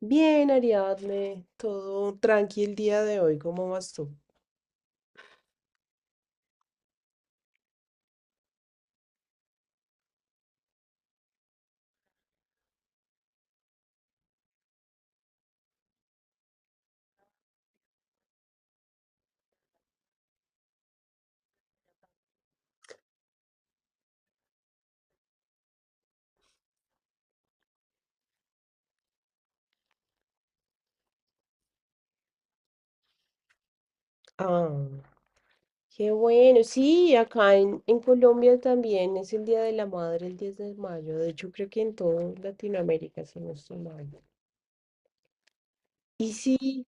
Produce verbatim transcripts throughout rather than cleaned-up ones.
Bien, Ariadne, todo tranqui el día de hoy, ¿cómo vas tú? Ah, qué bueno, sí, acá en, en Colombia también es el Día de la Madre, el diez de mayo. De hecho creo que en toda Latinoamérica, si no estoy mal. Y sí,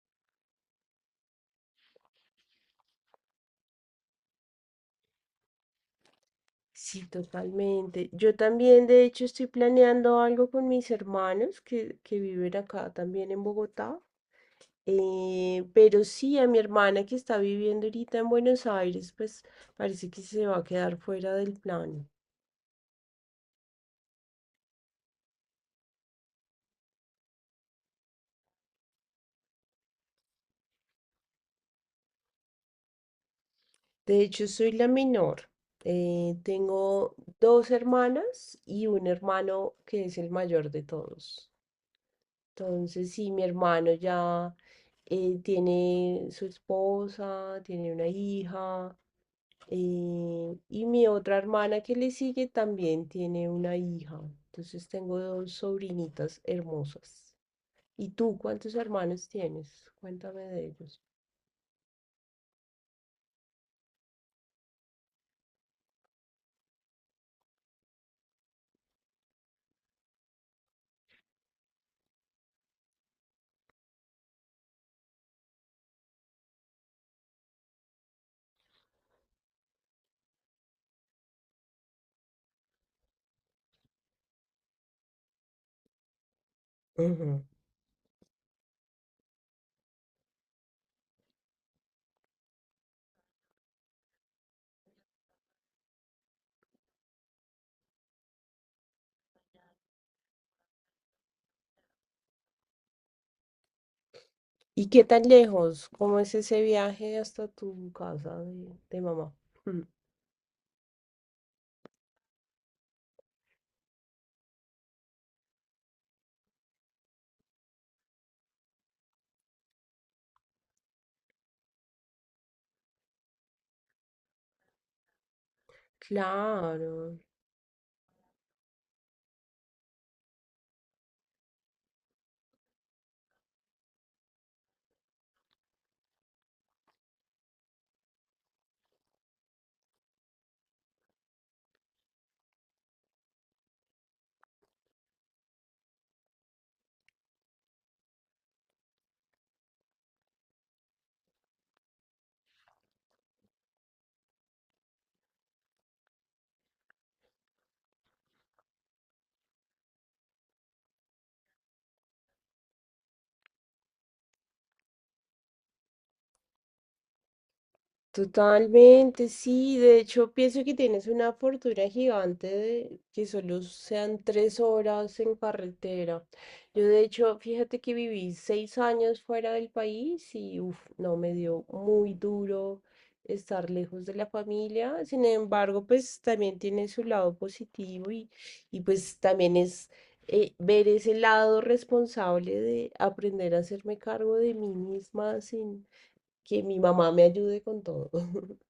sí, totalmente. Yo también, de hecho, estoy planeando algo con mis hermanos que, que viven acá también en Bogotá. Eh, pero sí, a mi hermana que está viviendo ahorita en Buenos Aires, pues parece que se va a quedar fuera del plan. De hecho, soy la menor. Eh, tengo dos hermanas y un hermano que es el mayor de todos. Entonces, sí, mi hermano ya eh, tiene su esposa, tiene una hija, eh, y mi otra hermana que le sigue también tiene una hija. Entonces, tengo dos sobrinitas hermosas. ¿Y tú cuántos hermanos tienes? Cuéntame de ellos. ¿Y qué tan lejos? ¿Cómo es ese viaje hasta tu casa de, de mamá? Mm. Claro. Totalmente, sí. De hecho, pienso que tienes una fortuna gigante de que solo sean tres horas en carretera. Yo, de hecho, fíjate que viví seis años fuera del país y, uf, no, me dio muy duro estar lejos de la familia. Sin embargo, pues también tiene su lado positivo y, y pues también es eh, ver ese lado responsable de aprender a hacerme cargo de mí misma que mi mamá me ayude con todo.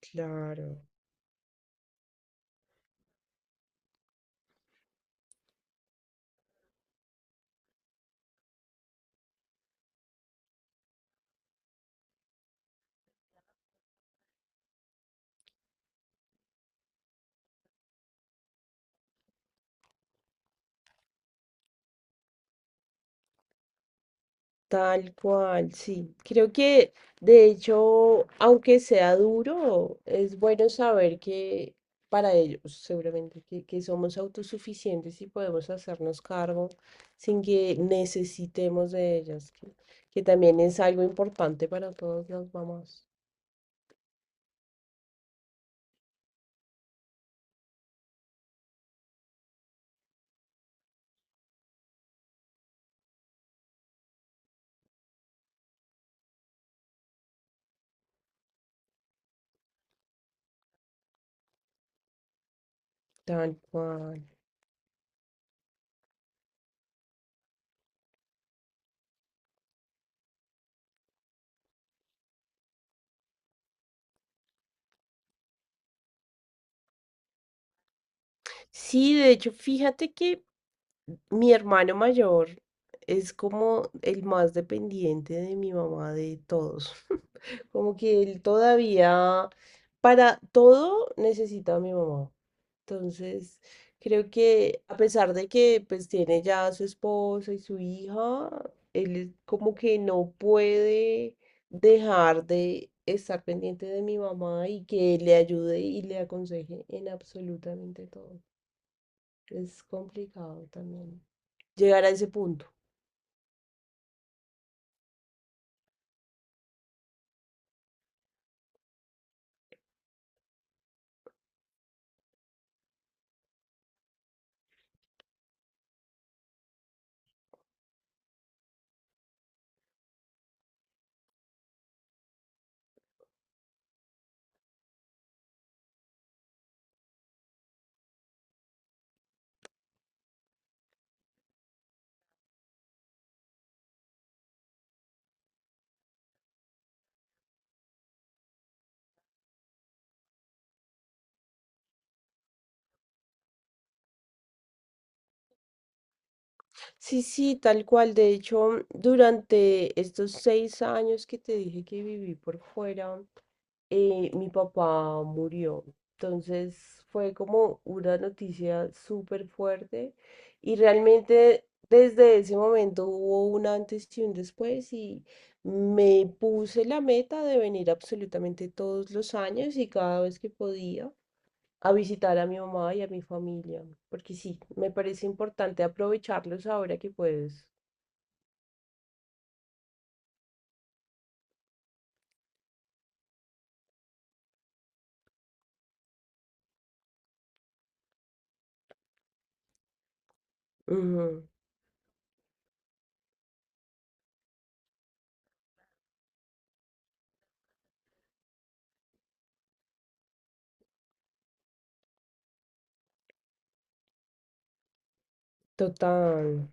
Claro. Tal cual, sí. Creo que, de hecho, aunque sea duro, es bueno saber que para ellos, seguramente, que, que somos autosuficientes y podemos hacernos cargo sin que necesitemos de ellas, que, que también es algo importante para todas las mamás. Tal cual. Sí, de hecho, fíjate que mi hermano mayor es como el más dependiente de mi mamá de todos. Como que él todavía, para todo, necesita a mi mamá. Entonces, creo que a pesar de que pues tiene ya a su esposa y su hija, él es como que no puede dejar de estar pendiente de mi mamá y que le ayude y le aconseje en absolutamente todo. Es complicado también llegar a ese punto. Sí, sí, tal cual. De hecho, durante estos seis años que te dije que viví por fuera, eh, mi papá murió. Entonces fue como una noticia súper fuerte y realmente desde ese momento hubo un antes y un después y me puse la meta de venir absolutamente todos los años y cada vez que podía a visitar a mi mamá y a mi familia, porque sí, me parece importante aprovecharlos ahora que puedes. Ujú. Total.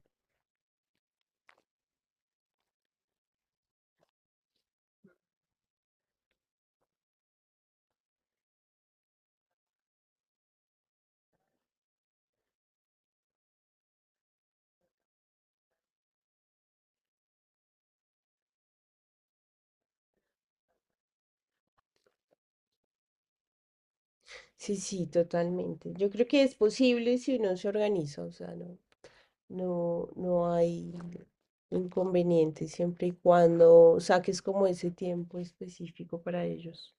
Sí, sí, totalmente. Yo creo que es posible si uno se organiza, o sea, no, no, no hay inconveniente siempre y cuando saques como ese tiempo específico para ellos.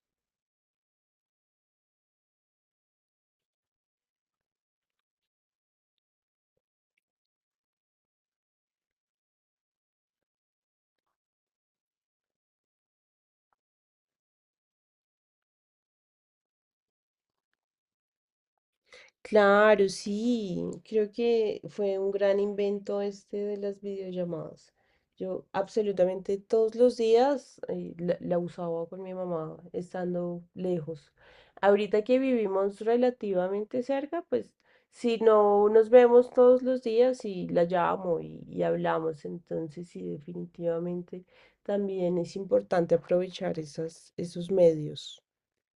Claro, sí, creo que fue un gran invento este de las videollamadas. Yo absolutamente todos los días eh, la, la usaba con mi mamá estando lejos. Ahorita que vivimos relativamente cerca, pues si no nos vemos todos los días y la llamo y, y hablamos, entonces sí, definitivamente también es importante aprovechar esas, esos medios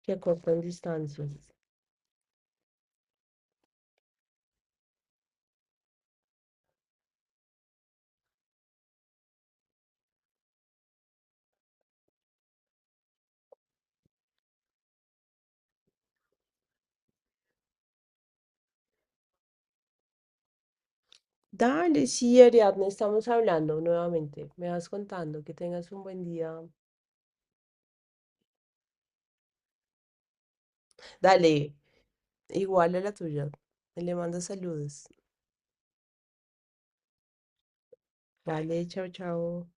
que acortan distancias. Dale, sí, Ariadne, estamos hablando nuevamente. Me vas contando que tengas un buen día. Dale, igual a la tuya. Le mando saludos. Vale, chao, chao.